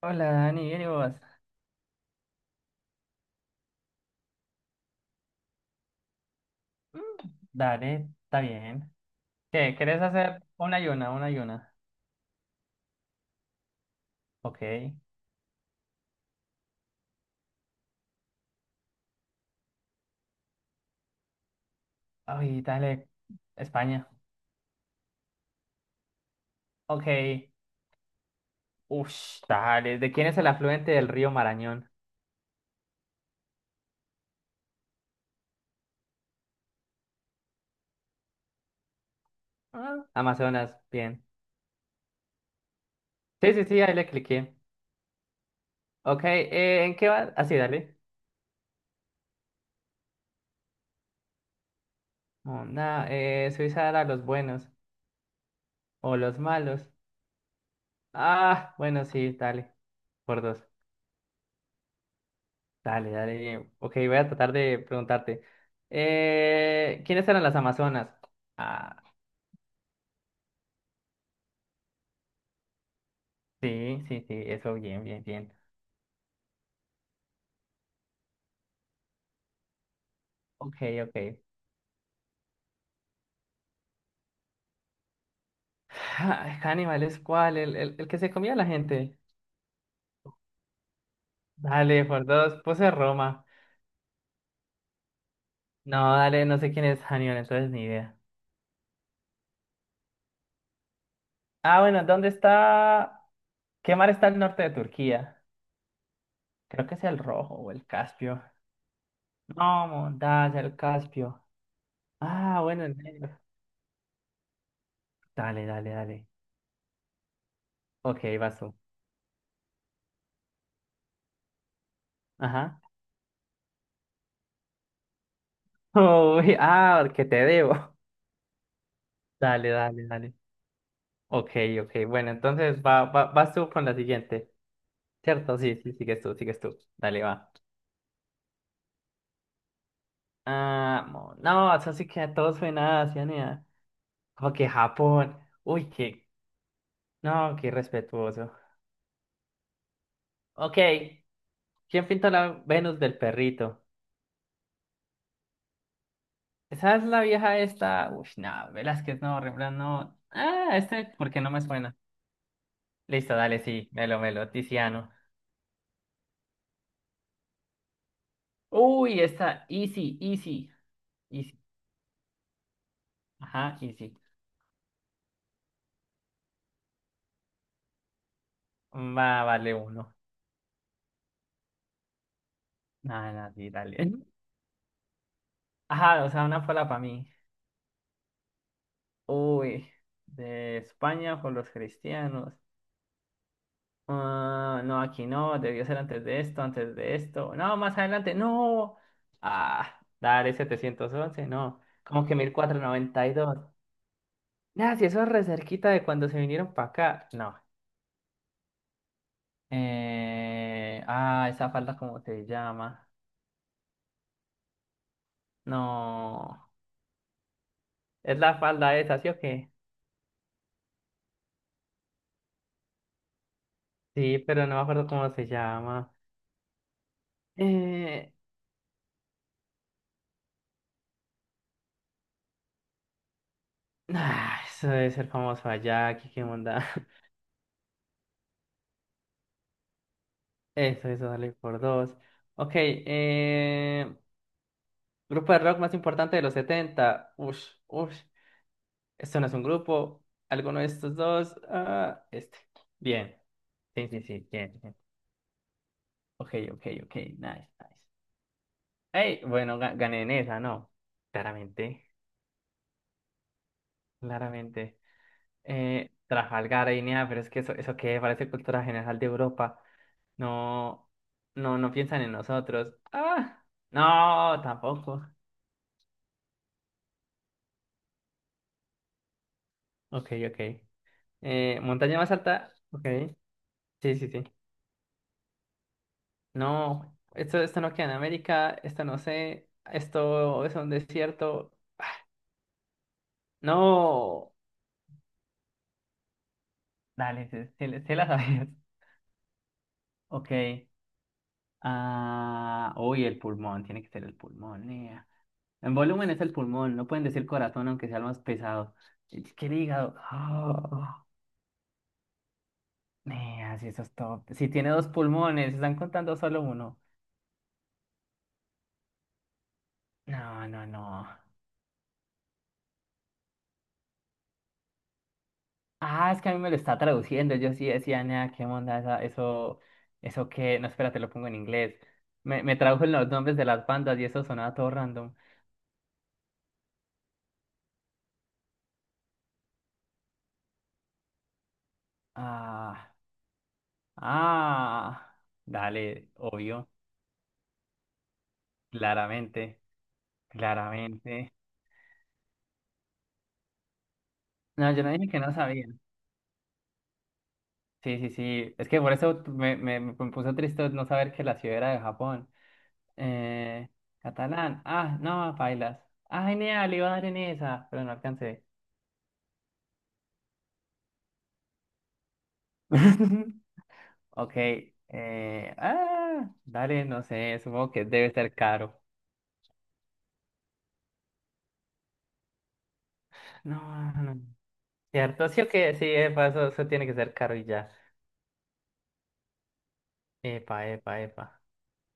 Hola Dani, ¿bien y vos? Mm. Dale, está bien. ¿Qué? ¿Querés hacer una y una, una y una? Ok. Ay, dale, España. Ok. Ush, dale. ¿De quién es el afluente del río Marañón? Ah, Amazonas, bien. Sí, sí, sí, ahí le cliqué. Ok, ¿en qué va? Así, dale. Onda, Suiza era los buenos o los malos. Ah, bueno, sí, dale, por dos. Dale, dale. Ok, voy a tratar de preguntarte. ¿Quiénes eran las Amazonas? Ah, sí, sí, sí, eso, bien, bien, bien. Ok, ok. Ah, Hannibal es cuál, el que se comía a la gente. Dale, por dos, puse Roma. No, dale, no sé quién es Hannibal, entonces ni idea. Ah, bueno, ¿dónde está? ¿Qué mar está al norte de Turquía? Creo que es el Rojo o el Caspio. No, montaña, el Caspio. Ah, bueno, el negro. Dale, dale, dale. Ok, vas tú. Ajá. Uy, ah, que te debo. Dale, dale, dale. Ok, ok. Bueno, entonces vas tú con la siguiente. ¿Cierto? Sí, sí, sigues tú, sigues tú. Dale, va. Ah, no, eso sí que a todos suena a Asia, ni a- Como que Japón. Uy, qué. No, qué respetuoso. Ok. ¿Quién pintó la Venus del perrito? Esa es la vieja esta. Uy, no, Velázquez no, Rembrandt no. Ah, ¿por qué no me suena? Listo, dale, sí. Melo, melo. Tiziano. Uy, esta. Easy, easy. Easy. Ajá, easy. Va, vale uno. Nada, nada, sí, dale. Ajá, o sea, una sola para mí. Uy, de España con los cristianos. Ah, no, aquí no, debió ser antes de esto, antes de esto. No, más adelante, no. Ah, dale 711, no. Como que 1492. Nada, si eso es re cerquita de cuando se vinieron para acá. No. Esa falda, ¿cómo se llama? No. Es la falda esa, ¿sí o qué? Sí, pero no me acuerdo cómo se llama. Eh, Eso debe ser famoso allá, aquí qué onda. Eso, dale por dos. Ok, grupo de rock más importante de los 70. Ush, ush. Esto no es un grupo. ¿Alguno de estos dos? Ah, este. Bien. Sí, sí, sí, bien, bien. Ok, ok, ok, nice, nice. Hey, bueno, gané en esa, ¿no? Claramente, claramente. Trafalgar, Guinea, pero es que eso que parece cultura general de Europa. No, no, no piensan en nosotros. Ah, no, tampoco. Ok, ok. Montaña más alta. Ok. Sí, sí, sí. No, esto no queda en América. Esto no sé. Esto es un desierto. No. Dale, se la sabes. Ok. Ah, uy, el pulmón. Tiene que ser el pulmón, nea. En volumen es el pulmón. No pueden decir corazón, aunque sea el más pesado. Es que el hígado. Ah. Así eso es todo. Si tiene dos pulmones, si están contando solo uno. No, no, no. Ah, es que a mí me lo está traduciendo. Yo sí decía, nada, qué onda, eso, eso que. No, espérate, lo pongo en inglés. Me tradujo los nombres de las bandas y eso sonaba todo random. Ah, ah. Dale, obvio. Claramente, claramente. No, yo no dije que no sabía. Sí, sí, sí. Es que por eso me puso triste no saber que la ciudad era de Japón. Eh, Catalán. Ah, no, bailas. Ah, genial, iba a dar en esa, pero no alcancé. Ok. Dale, no sé, supongo que debe ser caro. No, no. Cierto, sí o que sí, epa, eso tiene que ser caro y ya. Epa, epa, epa.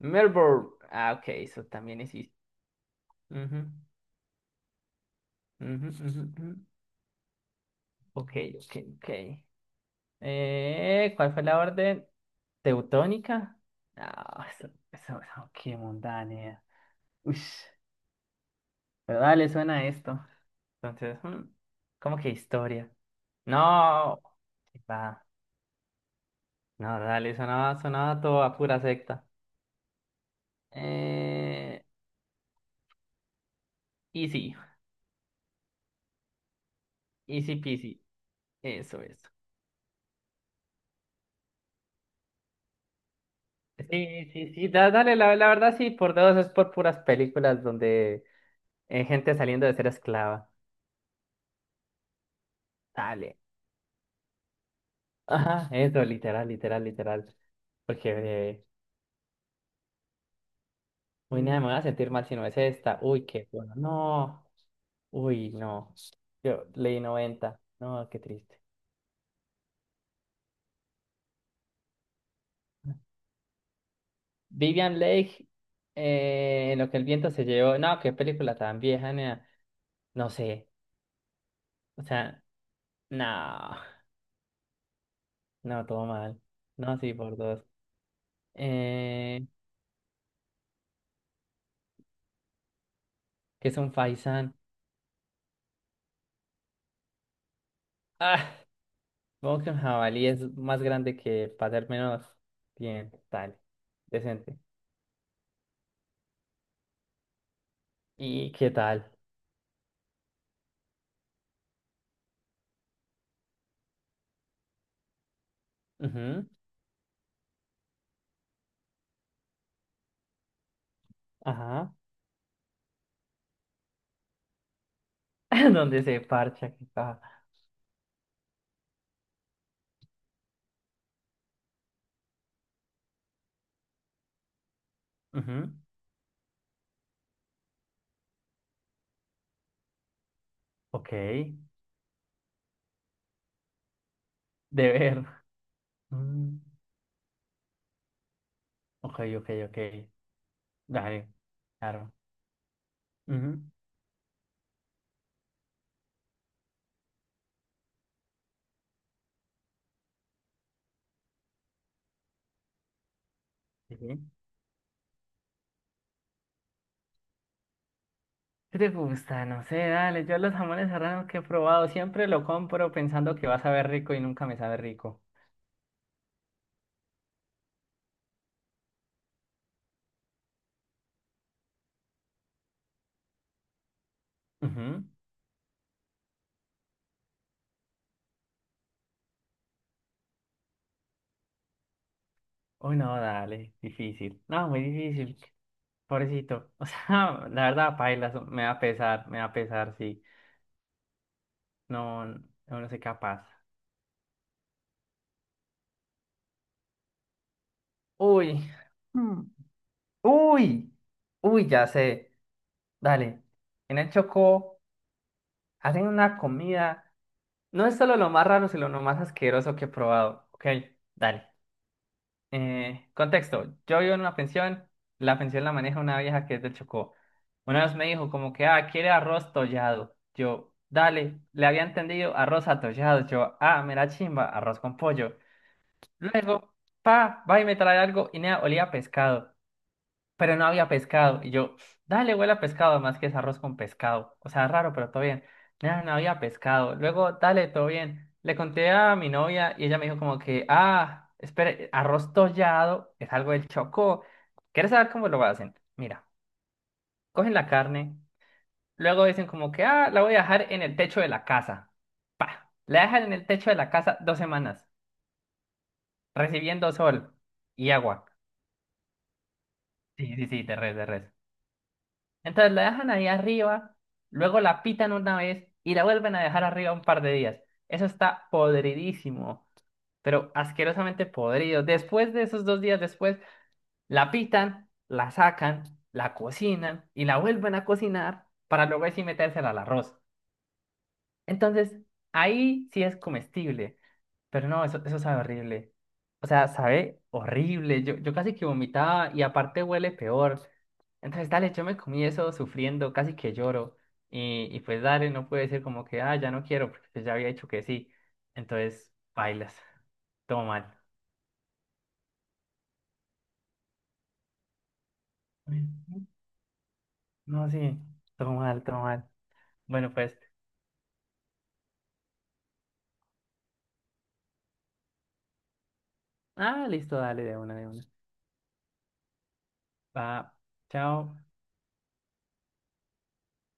Melbourne. Ah, ok, eso también existe. Ujú, ujú, ujú, ujú. Ok, ok, ok. ¿Cuál fue la orden? ¿Teutónica? No, qué mundane. Uy, ¿verdad? Le suena esto. Entonces, ¿cómo que historia? No, sí, va. No, dale, sonaba, sonaba todo a pura secta. Eh, Easy, easy peasy. Eso es. Sí, sí, sí, dale, la verdad sí, por dos es por puras películas donde gente saliendo de ser esclava. Dale. Ajá, eso, literal, literal, literal. Porque, eh, uy, nada, me voy a sentir mal si no es esta. Uy, qué bueno. No. Uy, no. Yo leí 90. No, qué triste. Vivian Lake, en lo que el viento se llevó. No, qué película tan vieja, nea. No sé. O sea, no. No, todo mal. No, sí, por dos. Eh, que es un faisán. Ah, supongo que un jabalí es más grande que para ser menos. Bien, tal. Decente. ¿Y qué tal? Ujú. Ajá. Donde se parcha, qué caja. Ujú. Ok. De ver. Mm. Ok, ok, ok. Dale, claro. Ujú, sí, sí. ¿Qué te gusta? No sé, dale. Yo los jamones serranos que he probado siempre lo compro pensando que va a saber rico y nunca me sabe rico. Ujú. Uy, no, dale. Difícil. No, muy difícil. Pobrecito. O sea, la verdad, paila, me va a pesar, me va a pesar, sí. No, no, no soy capaz. Uy. Mm. Uy. Uy, ya sé. Dale. En el Chocó hacen una comida. No es solo lo más raro, sino lo más asqueroso que he probado. Ok, dale. Contexto. Yo vivo en una pensión. La pensión la maneja una vieja que es del Chocó. Una vez me dijo como que, ah, quiere arroz tollado. Yo, dale. Le había entendido arroz atollado. Yo, ah, me la chimba, arroz con pollo. Luego, pa, va y me trae algo y nada, olía a pescado pero no había pescado. Y yo, dale, huele a pescado, más que es arroz con pescado. O sea, raro, pero todo bien. No, no había pescado. Luego, dale, todo bien. Le conté a mi novia y ella me dijo como que, ah, espere, arroz tollado es algo del Chocó. ¿Quieres saber cómo lo hacen? Mira, cogen la carne, luego dicen como que, ah, la voy a dejar en el techo de la casa. La dejan en el techo de la casa 2 semanas, recibiendo sol y agua. Sí, sí, sí, de res, de res. Entonces la dejan ahí arriba, luego la pitan una vez y la vuelven a dejar arriba un par de días. Eso está podridísimo, pero asquerosamente podrido. Después de esos 2 días después, la pitan, la sacan, la cocinan y la vuelven a cocinar para luego así metérsela al arroz. Entonces, ahí sí es comestible. Pero no, eso sabe horrible. O sea, sabe horrible. Yo casi que vomitaba y aparte huele peor. Entonces, dale, yo me comí eso sufriendo, casi que lloro. Y pues dale, no puede ser como que, ah, ya no quiero, porque pues ya había dicho que sí. Entonces, bailas. Todo mal. Ujú. No, sí, todo mal, todo mal. Bueno, pues, ah, listo, dale, de una, de una. Va, chao.